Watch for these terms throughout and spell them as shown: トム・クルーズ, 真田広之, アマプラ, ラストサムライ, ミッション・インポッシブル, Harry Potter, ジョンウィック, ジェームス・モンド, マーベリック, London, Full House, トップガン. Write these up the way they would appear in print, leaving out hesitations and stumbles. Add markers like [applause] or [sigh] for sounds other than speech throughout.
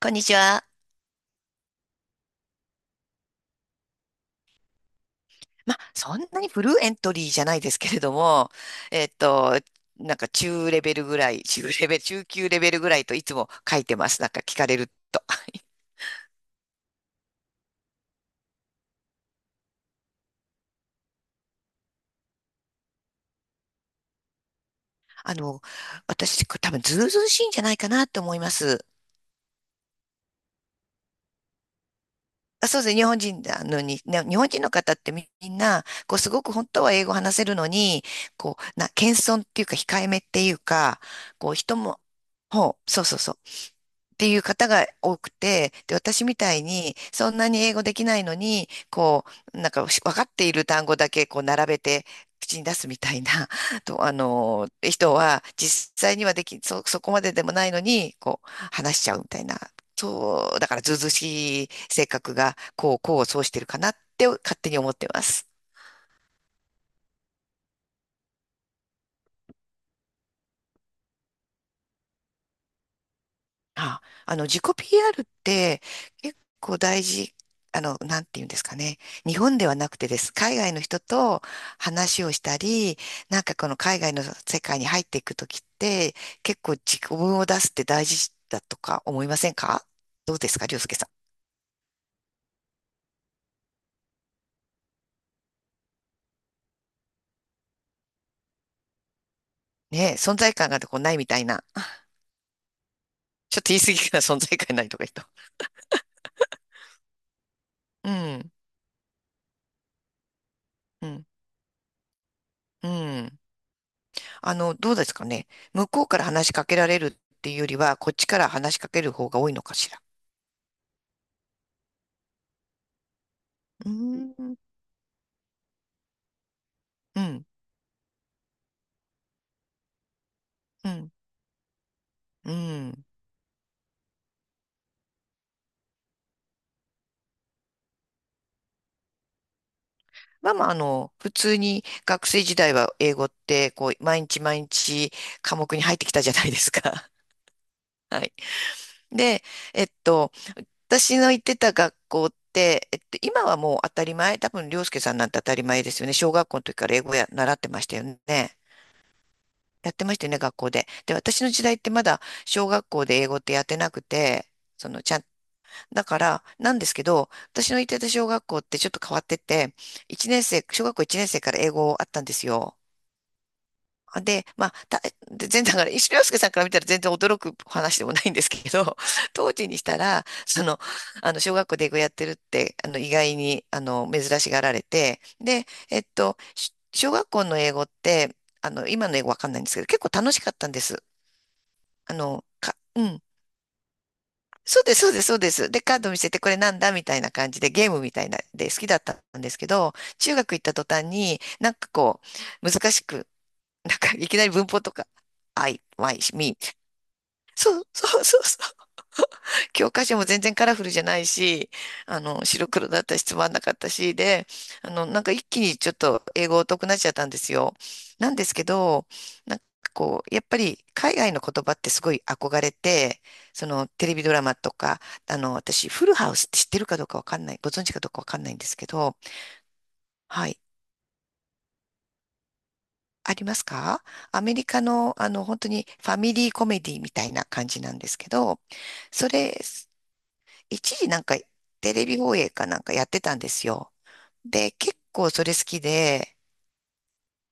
こんにちは。まあ、そんなにフルエントリーじゃないですけれども、えっと、中レベルぐらい、中レベル、中級レベルぐらいといつも書いてます。なんか聞かれると。[laughs] あの、私、これ多分ずうずうしいんじゃないかなと思います。あ、そうですね。日本人なのに、ね日本人の方ってみんな、こう、すごく本当は英語話せるのに、こう、謙遜っていうか、控えめっていうか、こう、人も、ほう、そうそうそう。っていう方が多くて、で、私みたいに、そんなに英語できないのに、こう、なんか、分かっている単語だけ、こう、並べて、口に出すみたいな、[laughs] と、あの、人は、実際にはでき、そこまででもないのに、こう、話しちゃうみたいな、そう、だから、ずうずうしい性格が、こう、そうしてるかなって、勝手に思ってます。あ、あの、自己 PR って結構大事、あの、なんていうんですかね。日本ではなくてです。海外の人と話をしたり、なんかこの海外の世界に入っていくときって、結構自己分を出すって大事だとか思いませんか？どうですか、りょうすけさん。ねえ、存在感がこうないみたいな。[laughs] ちょっと言い過ぎかな、存在感ないとか言った。うん、うん、うん。あの、どうですかね。向こうから話しかけられるっていうよりは、こっちから話しかける方が多いのかしら。うーん、うん、うん、うん。まあまあ、あの、普通に学生時代は英語って、こう、毎日毎日科目に入ってきたじゃないですか。[laughs] はい。で、えっと、私の行ってた学校って、えっと、今はもう当たり前、多分、涼介さんなんて当たり前ですよね。小学校の時から英語や、習ってましたよね。やってましたよね、学校で。で、私の時代ってまだ小学校で英語ってやってなくて、その、ちゃんだから、なんですけど、私の行ってた小学校ってちょっと変わってて、一年生、小学校1年生から英語あったんですよ。で、で全然、だから、石井洋介さんから見たら全然驚く話でもないんですけど、[laughs] 当時にしたら、その、あの、小学校で英語やってるって、あの、意外に、あの、珍しがられて、で、えっと、し小学校の英語って、あの、今の英語わかんないんですけど、結構楽しかったんです。あの、か、うん。そうです、そうです、そうです。で、カード見せてこれなんだみたいな感じでゲームみたいなで好きだったんですけど、中学行った途端になんかこう、難しく、なんかいきなり文法とか、I, Y, me. そう。教科書も全然カラフルじゃないし、あの、白黒だったしつまんなかったし、で、あの、なんか一気にちょっと英語疎くなっちゃったんですよ。なんですけど、なんかこう、やっぱり海外の言葉ってすごい憧れて、そのテレビドラマとか、あの、私、フルハウスって知ってるかどうかわかんない、ご存知かどうかわかんないんですけど、はい。ありますか？アメリカの、あの、本当にファミリーコメディみたいな感じなんですけど、それ、一時なんかテレビ放映かなんかやってたんですよ。で、結構それ好きで、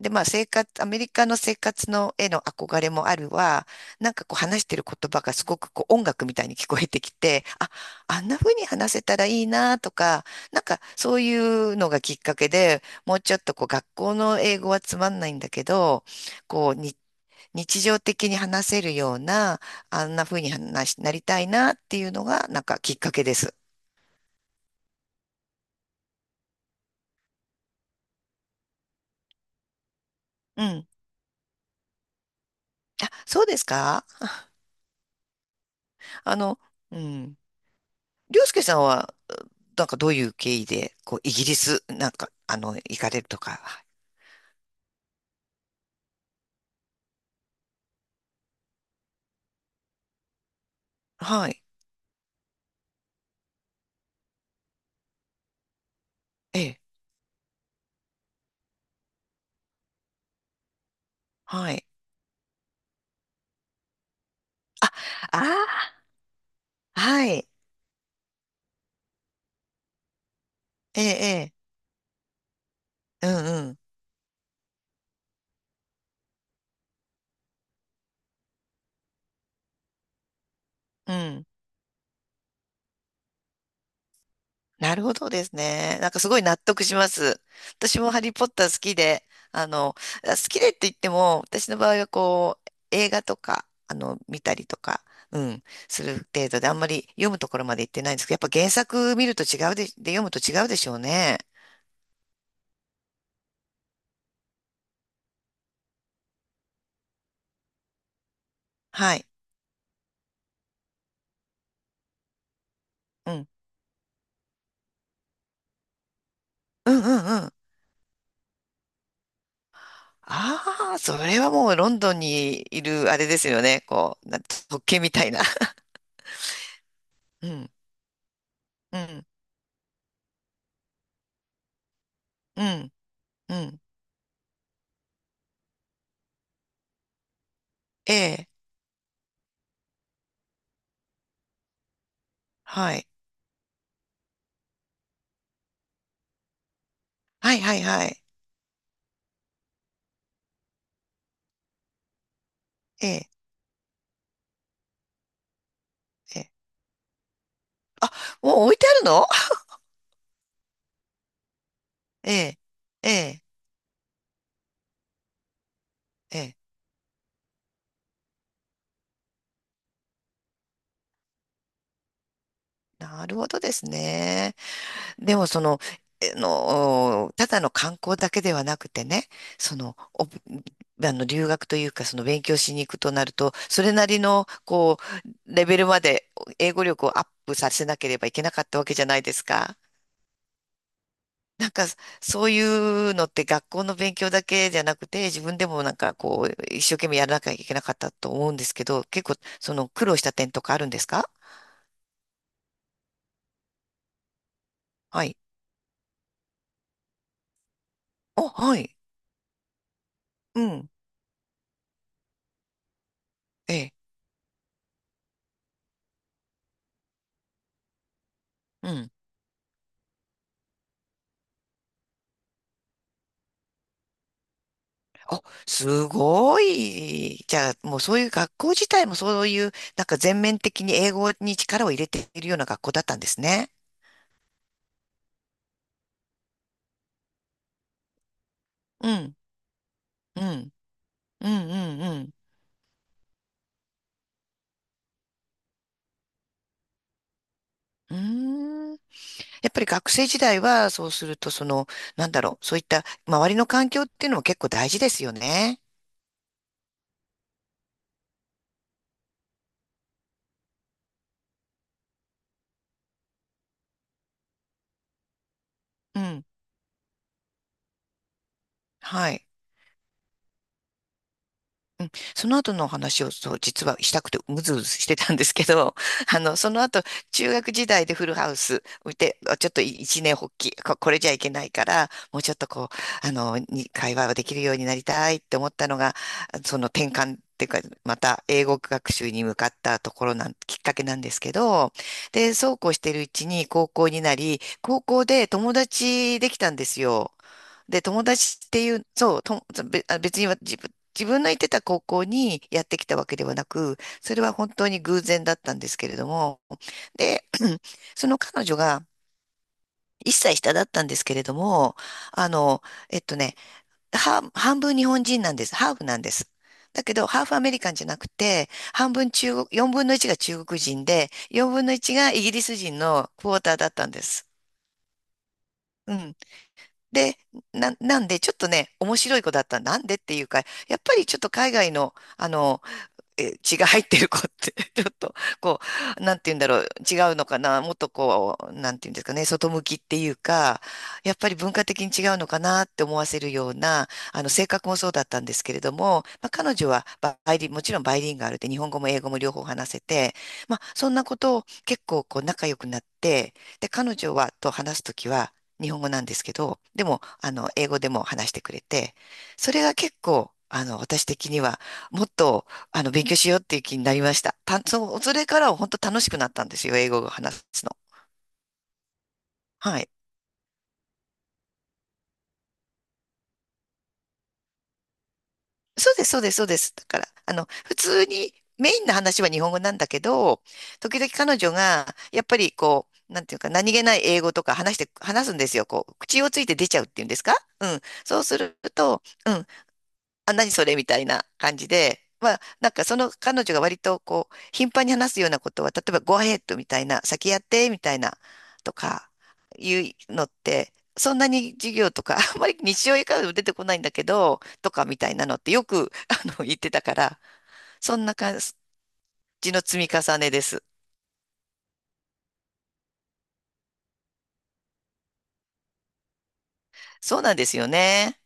で、まあ生活、アメリカの生活のへの憧れもあるわ、なんかこう話してる言葉がすごくこう音楽みたいに聞こえてきて、あ、あんな風に話せたらいいなとか、なんかそういうのがきっかけで、もうちょっとこう学校の英語はつまんないんだけど、こうに日常的に話せるような、あんな風に話しなりたいなっていうのがなんかきっかけです。うん。あ、そうですか？あの、うん。りょうすけさんは、なんかどういう経緯で、こう、イギリス、なんか、あの、行かれるとか。はい。ええ。はい。ああ、はい。ええ、ええ。うん。うん。なるほどですね。なんかすごい納得します。私もハリー・ポッター好きで、あの、あ好きでって言っても、私の場合はこう、映画とか、あの、見たりとか、うん、する程度で、あんまり読むところまで行ってないんですけど、やっぱ原作見ると違うで、で読むと違うでしょうね。はい。うん。うん。ああ、それはもうロンドンにいるあれですよね。特権みたいな。[laughs] うん。うん。うん。うん。ええ。はい。はい。ええ。ええ、お、置いてあるの？ええ、ええ、ええ。なるほどですね。でも、その、ただの観光だけではなくてね、その、お、あの、留学というか、その、勉強しに行くとなると、それなりの、こう、レベルまで英語力をアップさせなければいけなかったわけじゃないですか。なんか、そういうのって学校の勉強だけじゃなくて、自分でもなんかこう、一生懸命やらなきゃいけなかったと思うんですけど、結構、その苦労した点とかあるんですか？はい。お、はい。うん。ええ。うん。あ、すごい。じゃあ、もうそういう学校自体もそういう、なんか全面的に英語に力を入れているような学校だったんですね。うん。うん。うん。うん。うん。うーんやっぱり学生時代は、そうすると、その、なんだろう、そういった周りの環境っていうのも結構大事ですよね。うん。はい。うんその後のお話をそう実はしたくてうずうずしてたんですけど、[laughs] あの、その後、中学時代でフルハウス見て、あちょっと一年発起、これじゃいけないから、もうちょっとこう、あの、に会話ができるようになりたいって思ったのが、その転換っていうか、また英語学習に向かったところなん、きっかけなんですけど、で、そうこうしてるうちに高校になり、高校で友達できたんですよ。で、友達っていう、そう、と、べあ別には自分の行ってた高校にやってきたわけではなく、それは本当に偶然だったんですけれども、で、[clears throat] その彼女が1歳下だったんですけれども、あの、えっとね、半分日本人なんです。ハーフなんです。だけど、ハーフアメリカンじゃなくて、半分中国、4分の1が中国人で、4分の1がイギリス人のクォーターだったんです。うん。で、なんで、ちょっとね、面白い子だった。なんでっていうか、やっぱりちょっと海外の、あの、え [laughs] 血が入ってる子って [laughs] ちょっと、こう、なんて言うんだろう、違うのかな、もっとこう、なんて言うんですかね、外向きっていうか、やっぱり文化的に違うのかなって思わせるような、あの、性格もそうだったんですけれども、まあ、彼女はバイリン、もちろんバイリンガルで日本語も英語も両方話せて、まあ、そんなことを結構こう仲良くなって、で、彼女はと話すときは日本語なんですけど、でも、あの、英語でも話してくれて、それが結構、あの、私的には、もっとあの、勉強しようっていう気になりました。それからは本当楽しくなったんですよ、英語を話すの。はい。そうです、そうです、そうです。だから、あの、普通に、メインの話は日本語なんだけど、時々彼女が、やっぱりこう、なんていうか、何気ない英語とか話して、話すんですよ。こう、口をついて出ちゃうっていうんですか？うん。そうすると、うん。あ、何それみたいな感じで、まあ、なんかその彼女が割とこう、頻繁に話すようなことは、例えば、go ahead みたいな、先やって、みたいな、とか、いうのって、そんなに授業とか、[laughs] あんまり日常からも出てこないんだけど、とかみたいなのってよく [laughs]、あの、言ってたから、そんな感じの積み重ねです。そうなんですよね。